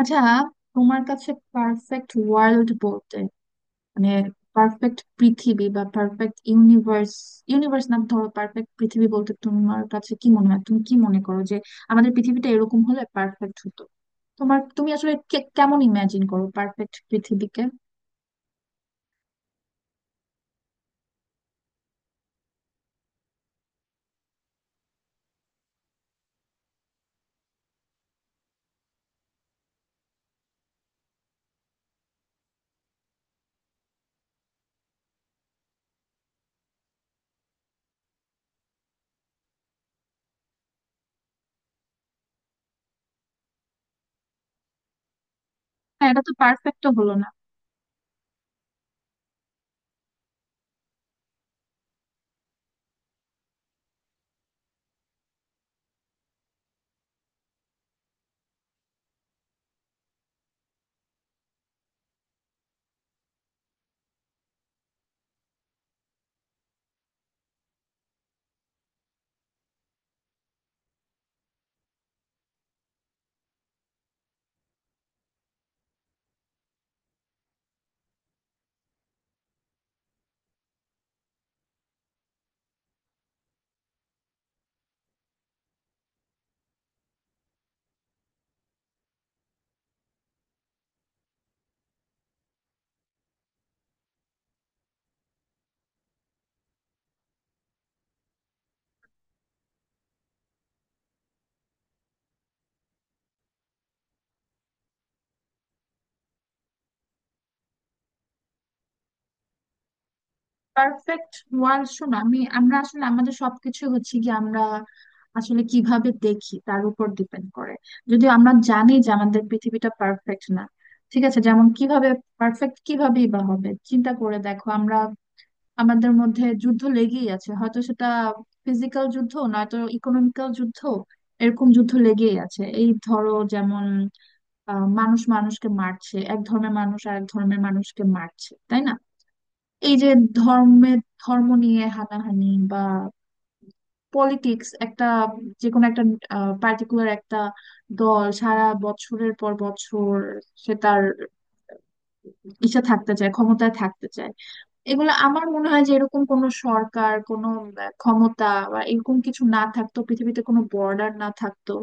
আচ্ছা, তোমার কাছে পারফেক্ট ওয়ার্ল্ড বলতে মানে পারফেক্ট পৃথিবী বা পারফেক্ট ইউনিভার্স। ইউনিভার্স না, ধরো পারফেক্ট পৃথিবী বলতে তোমার কাছে কি মনে হয়? তুমি কি মনে করো যে আমাদের পৃথিবীটা এরকম হলে পারফেক্ট হতো? তুমি আসলে কেমন ইমাজিন করো পারফেক্ট পৃথিবীকে? হ্যাঁ, এটা তো পারফেক্ট হলো না। পারফেক্ট ওয়ার্ল্ড শো না, আমরা আসলে আমাদের সবকিছু হচ্ছে কি, আমরা আসলে কিভাবে দেখি তার উপর ডিপেন্ড করে। যদিও আমরা জানি যে আমাদের পৃথিবীটা পারফেক্ট না। ঠিক আছে, যেমন কিভাবে পারফেক্ট কিভাবেই বা হবে, চিন্তা করে দেখো আমরা, আমাদের মধ্যে যুদ্ধ লেগেই আছে, হয়তো সেটা ফিজিক্যাল যুদ্ধ নয়তো ইকোনমিক্যাল যুদ্ধ। এরকম যুদ্ধ লেগেই আছে, এই ধরো যেমন মানুষ মানুষকে মারছে, এক ধর্মের মানুষ আর এক ধর্মের মানুষকে মারছে, তাই না? এই যে ধর্মে ধর্ম নিয়ে হানাহানি, বা পলিটিক্স, একটা যে কোনো একটা পার্টিকুলার একটা দল সারা বছরের পর বছর সে তার ইচ্ছা থাকতে চায়, ক্ষমতায় থাকতে চায়। এগুলো আমার মনে হয় যে এরকম কোনো সরকার, কোনো ক্ষমতা বা এরকম কিছু না থাকতো, পৃথিবীতে কোনো বর্ডার না থাকতো,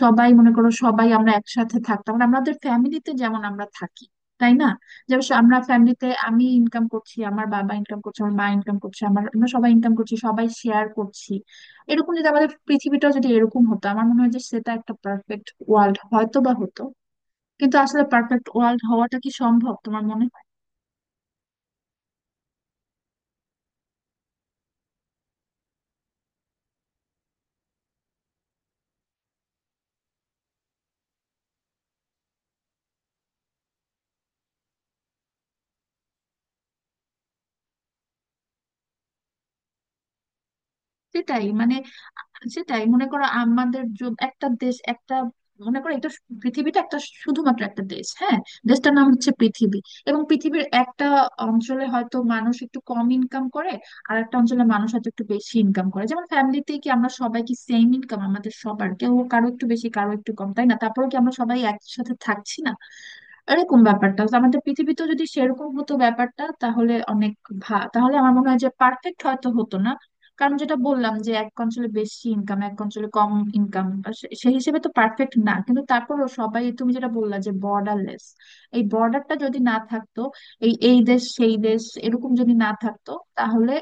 সবাই মনে করো সবাই আমরা একসাথে থাকতাম, মানে আমাদের ফ্যামিলিতে যেমন আমরা থাকি, তাই না? যেমন আমরা ফ্যামিলিতে আমি ইনকাম করছি, আমার বাবা ইনকাম করছে, আমার মা ইনকাম করছে, আমরা সবাই ইনকাম করছি, সবাই শেয়ার করছি। এরকম যদি আমাদের পৃথিবীটাও যদি এরকম হতো, আমার মনে হয় যে সেটা একটা পারফেক্ট ওয়ার্ল্ড হয়তো বা হতো। কিন্তু আসলে পারফেক্ট ওয়ার্ল্ড হওয়াটা কি সম্ভব তোমার মনে হয়? সেটাই মানে সেটাই মনে করো আমাদের একটা দেশ, একটা মনে করো এটা পৃথিবীটা একটা শুধুমাত্র একটা দেশ, হ্যাঁ, দেশটার নাম হচ্ছে পৃথিবী। এবং পৃথিবীর একটা অঞ্চলে হয়তো মানুষ একটু কম ইনকাম করে, আর একটা অঞ্চলে মানুষ হয়তো একটু বেশি ইনকাম করে। যেমন ফ্যামিলিতে কি আমরা সবাই কি সেম ইনকাম? আমাদের সবার কেউ কারো একটু বেশি, কারো একটু কম, তাই না? তারপরেও কি আমরা সবাই একসাথে থাকছি না? এরকম ব্যাপারটা তো আমাদের পৃথিবীতে যদি সেরকম হতো ব্যাপারটা, তাহলে অনেক তাহলে আমার মনে হয় যে পারফেক্ট হয়তো হতো না, কারণ যেটা বললাম যে এক অঞ্চলে বেশি ইনকাম, এক অঞ্চলে কম ইনকাম, সেই হিসেবে তো পারফেক্ট না। কিন্তু তারপরও সবাই, তুমি যেটা বললা যে বর্ডারলেস, এই বর্ডারটা যদি না থাকতো, এই এই দেশ সেই দেশ এরকম যদি না থাকতো, তাহলে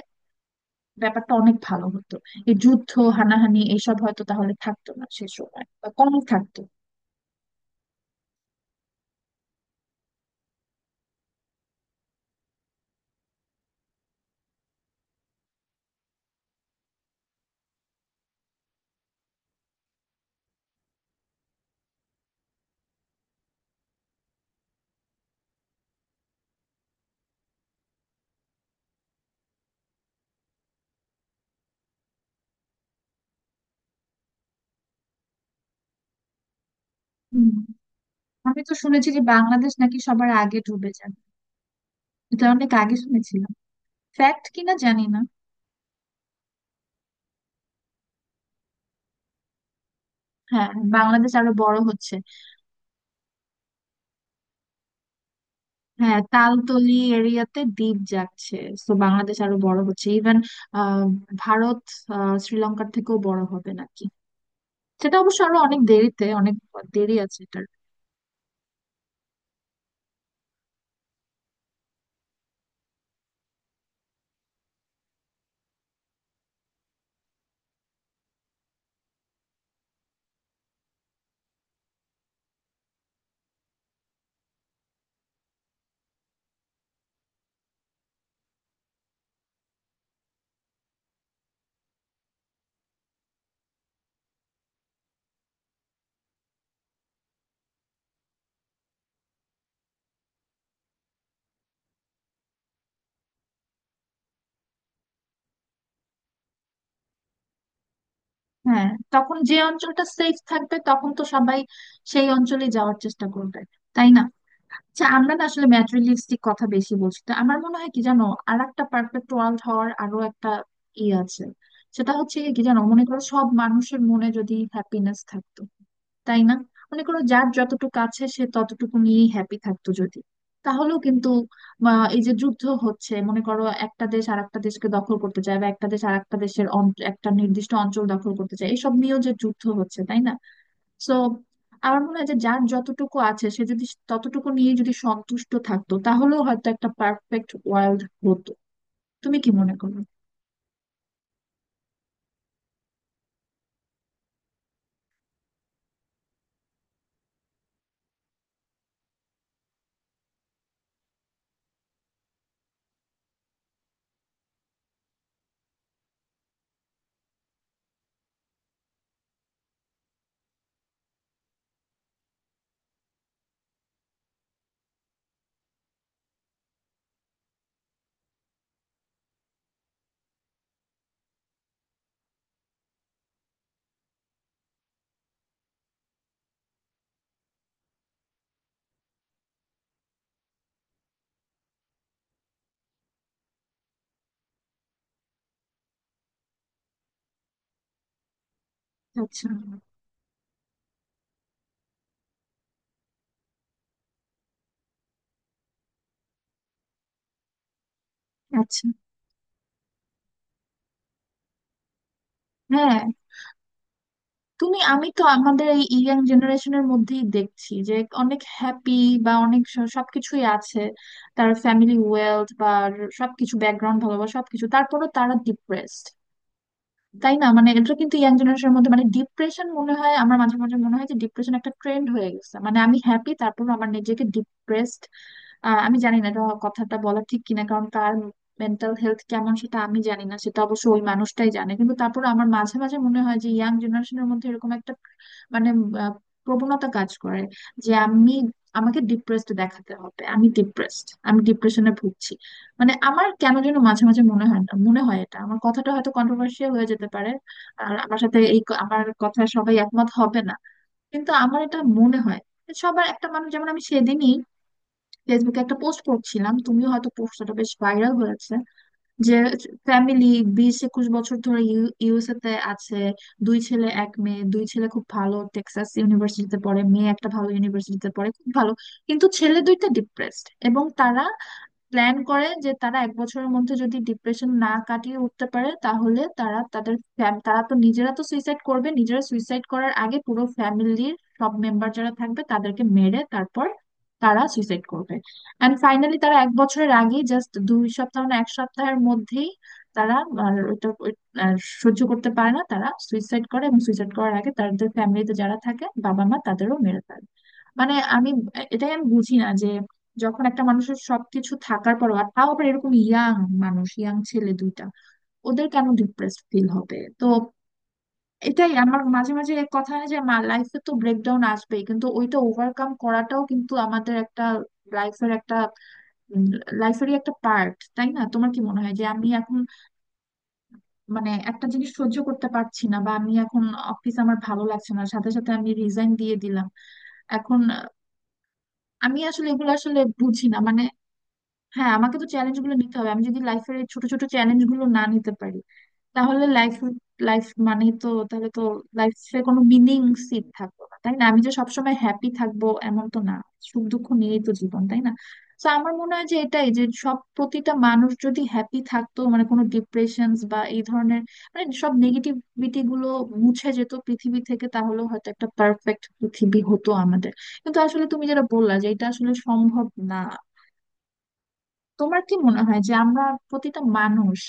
ব্যাপারটা অনেক ভালো হতো। এই যুদ্ধ, হানাহানি এইসব হয়তো তাহলে থাকতো না সে সময়, বা কম থাকতো। হুম, আমি তো শুনেছি যে বাংলাদেশ নাকি সবার আগে ডুবে যায়, এটা অনেক আগে শুনেছিলাম, ফ্যাক্ট কিনা জানি না। হ্যাঁ, বাংলাদেশ আরো বড় হচ্ছে। হ্যাঁ, তালতলি এরিয়াতে দ্বীপ যাচ্ছে, তো বাংলাদেশ আরো বড় হচ্ছে, ইভেন ভারত, শ্রীলঙ্কার থেকেও বড় হবে নাকি। সেটা অবশ্য আরো অনেক দেরিতে, অনেক দেরি আছে এটার। হ্যাঁ, তখন যে অঞ্চলটা সেফ থাকবে তখন তো সবাই সেই অঞ্চলে যাওয়ার চেষ্টা করবে, তাই না? আচ্ছা, আমরা না আসলে ম্যাটেরিয়ালিস্টিক কথা বেশি বলছি, তো আমার মনে হয় কি জানো, আর একটা পারফেক্ট ওয়ার্ল্ড হওয়ার আরো একটা আছে। সেটা হচ্ছে কি জানো, মনে করো সব মানুষের মনে যদি হ্যাপিনেস থাকতো, তাই না? মনে করো যার যতটুকু আছে সে ততটুকু নিয়েই হ্যাপি থাকতো যদি, তাহলেও কিন্তু এই যে যুদ্ধ হচ্ছে, মনে করো একটা দেশ আর একটা দেশকে দখল করতে চায়, বা একটা দেশ আর একটা দেশের একটা নির্দিষ্ট অঞ্চল দখল করতে চায়, এসব নিয়েও যে যুদ্ধ হচ্ছে, তাই না? সো আমার মনে হয় যে যার যতটুকু আছে সে যদি ততটুকু নিয়ে যদি সন্তুষ্ট থাকতো, তাহলেও হয়তো একটা পারফেক্ট ওয়ার্ল্ড হতো। তুমি কি মনে করো? আচ্ছা। আচ্ছা। হ্যাঁ। আমি তো আমাদের এই ইয়াং জেনারেশনের মধ্যেই দেখছি যে অনেক হ্যাপি, বা অনেক সবকিছুই আছে, তার ফ্যামিলি ওয়েলথ বা সবকিছু, ব্যাকগ্রাউন্ড ভালো বা সবকিছু, তারপরও তারা ডিপ্রেসড, তাই না? মানে এটা কিন্তু ইয়াং জেনারেশনের মধ্যে, মানে ডিপ্রেশন মনে হয়, আমার মাঝে মাঝে মনে হয় যে ডিপ্রেশন একটা ট্রেন্ড হয়ে গেছে, মানে আমি হ্যাপি, তারপর আমার নিজেকে ডিপ্রেসড। আমি জানি না এটা কথাটা বলা ঠিক কিনা, কারণ তার মেন্টাল হেলথ কেমন সেটা আমি জানি না, সেটা অবশ্য ওই মানুষটাই জানে। কিন্তু তারপর আমার মাঝে মাঝে মনে হয় যে ইয়াং জেনারেশনের মধ্যে এরকম একটা মানে আহ, প্রবণতা কাজ করে যে আমি আমাকে ডিপ্রেসড দেখাতে হবে, আমি ডিপ্রেসড, আমি ডিপ্রেশনে ভুগছি। মানে আমার কেন যেন মাঝে মাঝে মনে হয় না, মনে হয় এটা, আমার কথাটা হয়তো কন্ট্রোভার্সিয়াল হয়ে যেতে পারে, আর আমার সাথে এই আমার কথা সবাই একমত হবে না। কিন্তু আমার এটা মনে হয়, সবার একটা মানুষ, যেমন আমি সেদিনই ফেসবুকে একটা পোস্ট করছিলাম, তুমিও হয়তো, পোস্টটা বেশ ভাইরাল হয়েছে, যে ফ্যামিলি 20-21 বছর ধরে ইউএসএ তে আছে, দুই ছেলে এক মেয়ে, দুই ছেলে খুব ভালো টেক্সাস ইউনিভার্সিটিতে পড়ে, মেয়ে একটা ভালো ইউনিভার্সিটিতে পড়ে, খুব ভালো। কিন্তু ছেলে দুইটা ডিপ্রেসড, এবং তারা প্ল্যান করে যে তারা 1 বছরের মধ্যে যদি ডিপ্রেশন না কাটিয়ে উঠতে পারে তাহলে তারা তাদের তারা তো নিজেরা তো সুইসাইড করবে, নিজেরা সুইসাইড করার আগে পুরো ফ্যামিলির সব মেম্বার যারা থাকবে তাদেরকে মেরে তারপর তারা সুইসাইড করবে। এন্ড ফাইনালি তারা 1 বছরের আগেই জাস্ট 2 সপ্তাহ না 1 সপ্তাহের মধ্যেই তারা, আর আর সহ্য করতে পারে না, তারা সুইসাইড করে, এবং সুইসাইড করার আগে তাদের ফ্যামিলিতে যারা থাকে বাবা মা তাদেরও মেরে ফেলে। মানে আমি এটাই আমি বুঝি না যে যখন একটা মানুষের সবকিছু থাকার পরও, আর তাও আবার এরকম ইয়াং মানুষ, ইয়াং ছেলে দুইটা, ওদের কেন ডিপ্রেসড ফিল হবে? তো এটাই আমার মাঝে মাঝে এক কথা হয় যে লাইফে তো ব্রেকডাউন আসবেই, কিন্তু ওইটা ওভারকাম করাটাও কিন্তু আমাদের একটা লাইফের একটা লাইফেরই একটা পার্ট, তাই না? তোমার কি মনে হয় যে আমি এখন মানে একটা জিনিস সহ্য করতে পারছি না, বা আমি এখন অফিস আমার ভালো লাগছে না, সাথে সাথে আমি রিজাইন দিয়ে দিলাম এখন, আমি আসলে এগুলো আসলে বুঝি না মানে। হ্যাঁ, আমাকে তো চ্যালেঞ্জ গুলো নিতে হবে, আমি যদি লাইফের এই ছোট ছোট চ্যালেঞ্জ গুলো না নিতে পারি তাহলে লাইফ লাইফ মানে তো তাহলে তো লাইফে কোনো মিনিং সিট থাকবে না, তাই না? আমি যে সবসময় হ্যাপি থাকবো এমন তো না, সুখ দুঃখ নিয়েই তো জীবন, তাই না? তো আমার মনে হয় যে এটাই, যে সব প্রতিটা মানুষ যদি হ্যাপি থাকতো, মানে কোনো ডিপ্রেশন বা এই ধরনের মানে সব নেগেটিভিটি গুলো মুছে যেত পৃথিবী থেকে, তাহলে হয়তো একটা পারফেক্ট পৃথিবী হতো আমাদের। কিন্তু আসলে তুমি যেটা বললা যে এটা আসলে সম্ভব না। তোমার কি মনে হয় যে আমরা প্রতিটা মানুষ,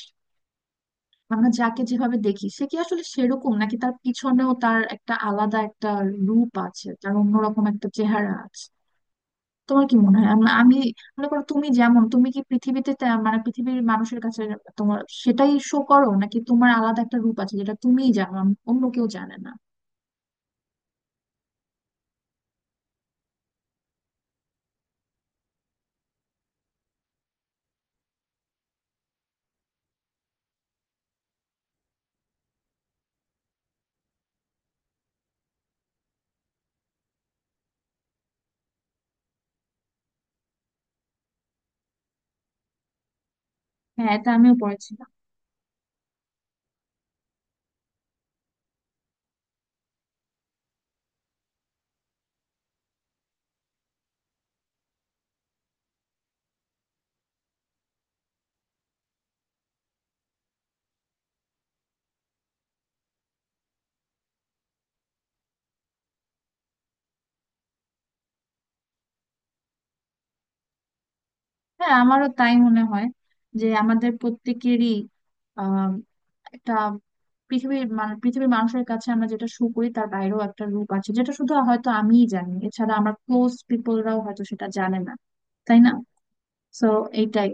আমরা যাকে যেভাবে দেখি সে কি আসলে সেরকম, নাকি তার পিছনেও তার একটা আলাদা একটা রূপ আছে, তার অন্যরকম একটা চেহারা আছে? তোমার কি মনে হয়? আম- আমি মনে করো তুমি যেমন, তুমি কি পৃথিবীতে মানে পৃথিবীর মানুষের কাছে তোমার সেটাই শো করো, নাকি তোমার আলাদা একটা রূপ আছে যেটা তুমিই জানো, অন্য কেউ জানে না? হ্যাঁ, এটা আমিও পড়েছি। হ্যাঁ, আমারও তাই মনে হয়, যে আমাদের প্রত্যেকেরই আহ একটা পৃথিবীর মানুষের কাছে আমরা যেটা শো করি তার বাইরেও একটা রূপ আছে, যেটা শুধু হয়তো আমিই জানি, এছাড়া আমার ক্লোজ পিপলরাও হয়তো সেটা জানে না, তাই না? সো এইটাই।